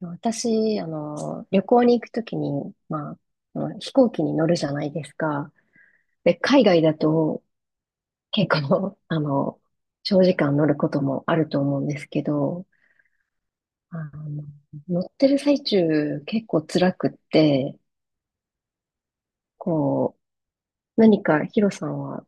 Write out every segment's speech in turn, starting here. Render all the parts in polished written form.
私、旅行に行くときに、あの飛行機に乗るじゃないですか。で、海外だと結構、長時間乗ることもあると思うんですけど、あの、乗ってる最中結構辛くって、こう、何かヒロさんは、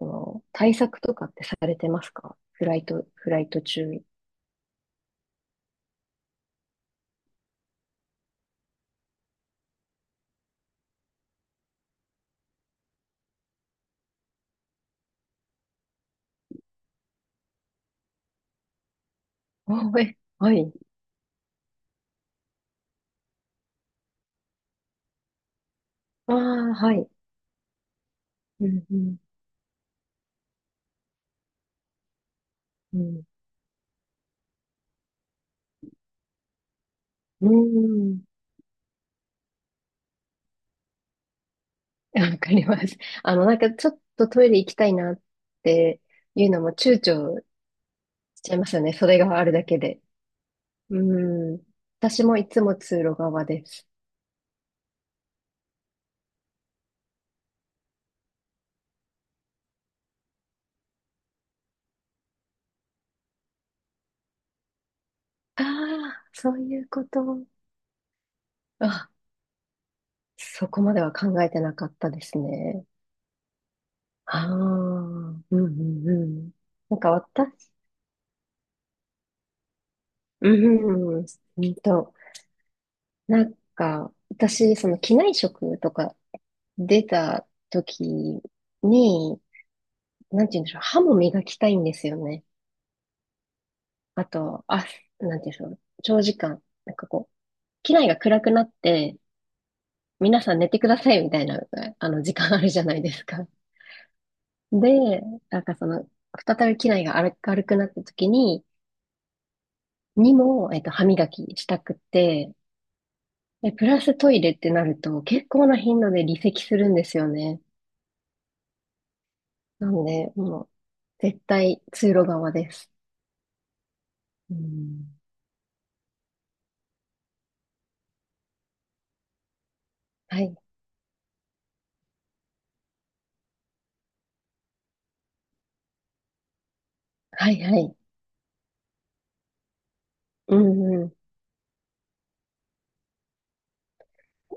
対策とかってされてますか、フライト、フライト中。あ、え、はい。ああ、はい。うん、うん、うん。うーん。わかります。なんかちょっとトイレ行きたいなっていうのも躊躇しちゃいますよね。それがあるだけで。うん。私もいつも通路側です。ああ、そういうこと。あ、そこまでは考えてなかったですね。ああ、うんうんうん。なんか私、うんうんうんと、なんか私、その機内食とか出た時に、なんて言うんでしょう、歯も磨きたいんですよね。あと、あ、なんていうんでしょう。長時間、なんかこう、機内が暗くなって、皆さん寝てくださいみたいな、時間あるじゃないですか。で、なんかその、再び機内が明るくなった時に、にも、歯磨きしたくって、で、プラストイレってなると、結構な頻度で離席するんですよね。なので、もう、絶対通路側です。うん。はい、はい、はい。うん、うん。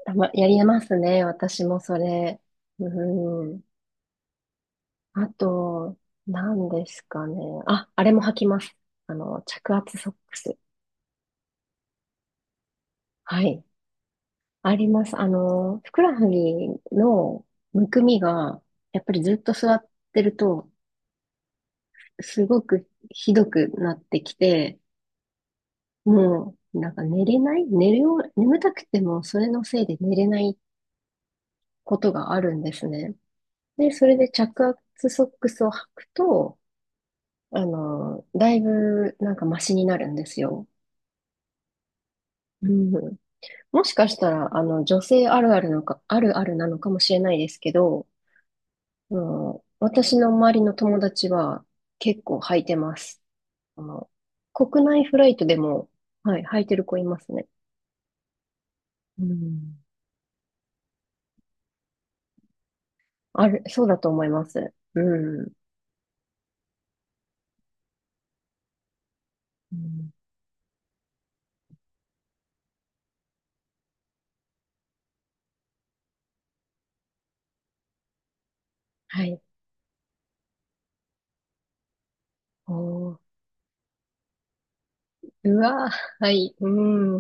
たま、やりますね。私もそれ。うん。あと、何ですかね。あ、あれも履きます。着圧ソックス。はい。あります。ふくらはぎのむくみが、やっぱりずっと座ってると、すごくひどくなってきて、もう、なんか寝れない寝るよう、眠たくても、それのせいで寝れないことがあるんですね。で、それで着圧ソックスを履くと、だいぶ、なんかマシになるんですよ。うん。もしかしたら、女性あるあるのか、あるあるなのかもしれないですけど、あの私の周りの友達は結構履いてます。あの、国内フライトでも、はい、履いてる子いますね。うん。ある、そうだと思います。うん。うん、はい。おー。うわー、はい。う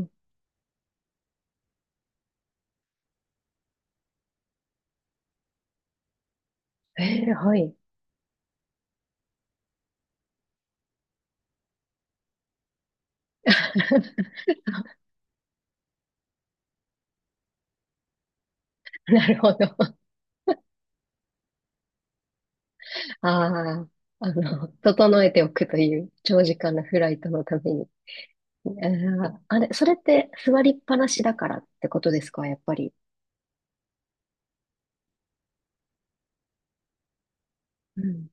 ん。えー、はい。なるほど。ああ、整えておくという長時間のフライトのために。えーあれ、それって座りっぱなしだからってことですか、やっぱり。うん。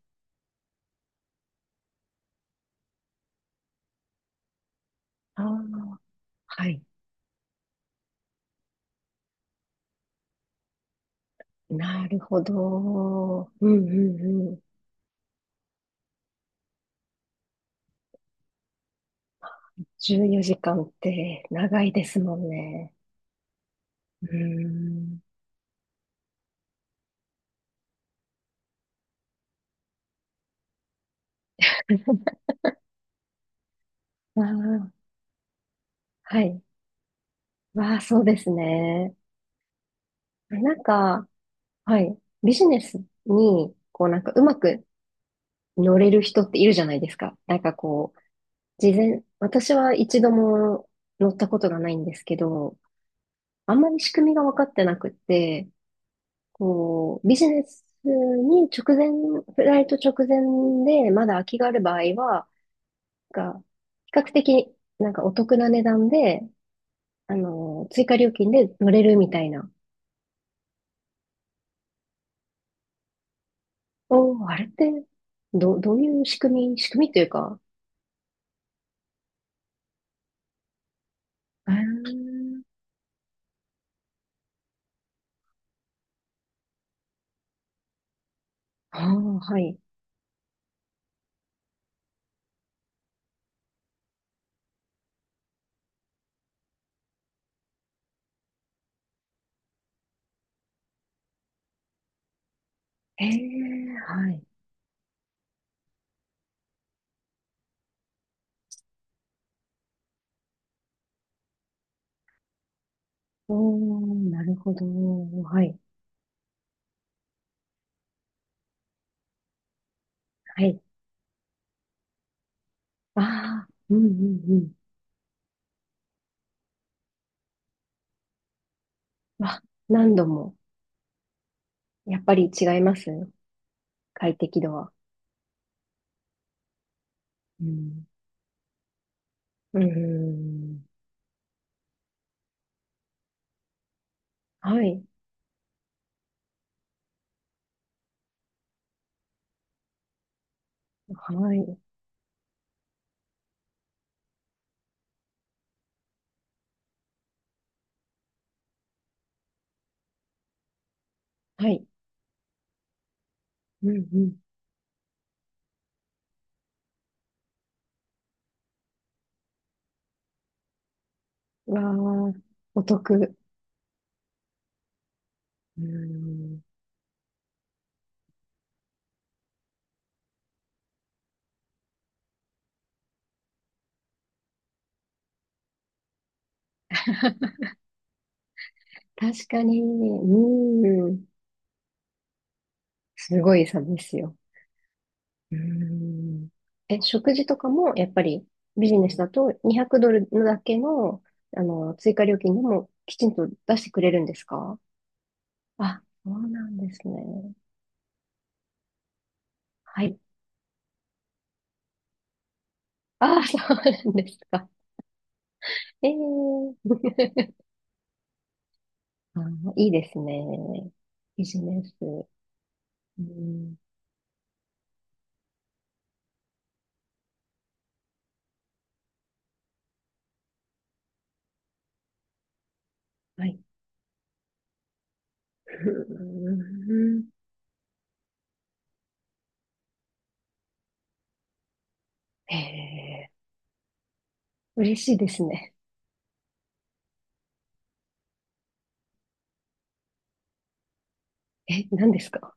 ああ、はい。なるほど。うんうんうん。14時間って長いですもんね。うーん。ああ、はい。わあ、そうですね。なんか、はい。ビジネスに、こうなんかうまく乗れる人っているじゃないですか。なんかこう、事前、私は一度も乗ったことがないんですけど、あんまり仕組みが分かってなくって、こう、ビジネスに直前、フライト直前でまだ空きがある場合は、が、比較的なんかお得な値段で、追加料金で乗れるみたいな。おー、あれって、どういう仕組みというか、えー、あーはい。ええ、はい。おー、なるほど。はい。はい。ああ、うんうんうん。わ、何度も、やっぱり違います、快適度は。うん。うーん。はい。はい。はい。うんうん、わあ、お得。うーん。確かに。うーん。すごい差ですよ。うーん。え、食事とかも、やっぱりビジネスだと200ドルだけの、追加料金でもきちんと出してくれるんですか？あ、そうなんですね。はい。ああ、そうなんですか。ええ。 あー、いいですね。ビジネス。うん、はい。うん。ええ、嬉しいですね。え、何ですか？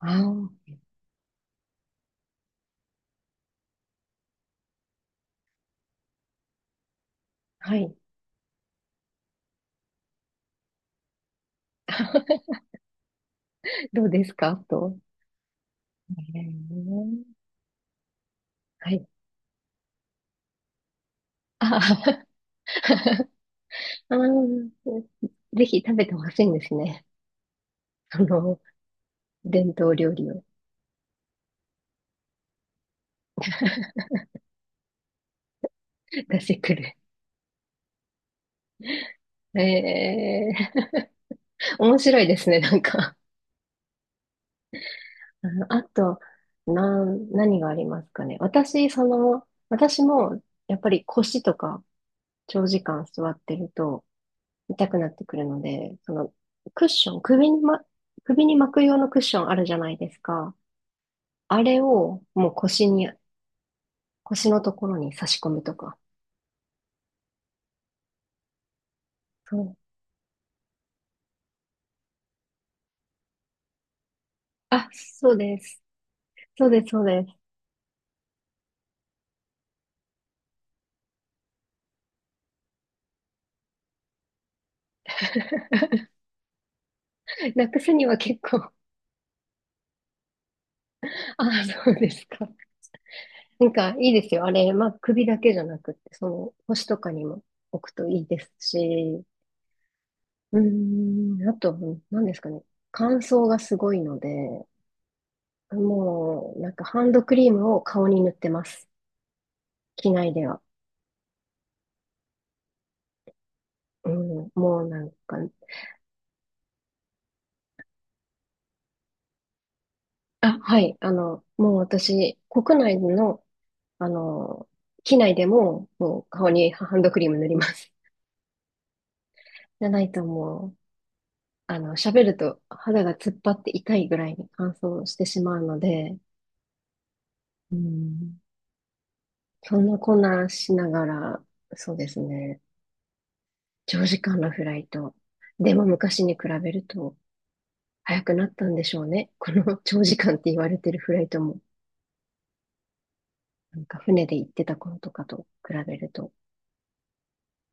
ああー、はい。どうですかと。ええ、はい。あーあー、ぜひ食べてほしいんですね。その、伝統料理を。出してくる。ええ、面白いですね、なんか。うん、あと、何がありますかね。私、私も、やっぱり腰とか、長時間座ってると、痛くなってくるので、その、クッション、首にま、首に巻く用のクッションあるじゃないですか。あれを、もう腰に、腰のところに差し込むとか。そう。あ、そうです。そうです。なくすには結構、あ、そうですか。なんか、いいですよ。あれ、まあ、首だけじゃなくて、その、腰とかにも。置くといいですし、うーん、あと、何ですかね。乾燥がすごいので、もう、なんかハンドクリームを顔に塗ってます。機内では。うん、もうなんか、あ、はい、もう私、国内の、あの、機内でも、もう顔にハンドクリーム塗ります。じゃないともう、喋ると肌が突っ張って痛いぐらいに乾燥してしまうので、うん、そんなこんなしながら、そうですね。長時間のフライト。でも昔に比べると早くなったんでしょうね。この 長時間って言われてるフライトも、なんか船で行ってた頃とかと比べると。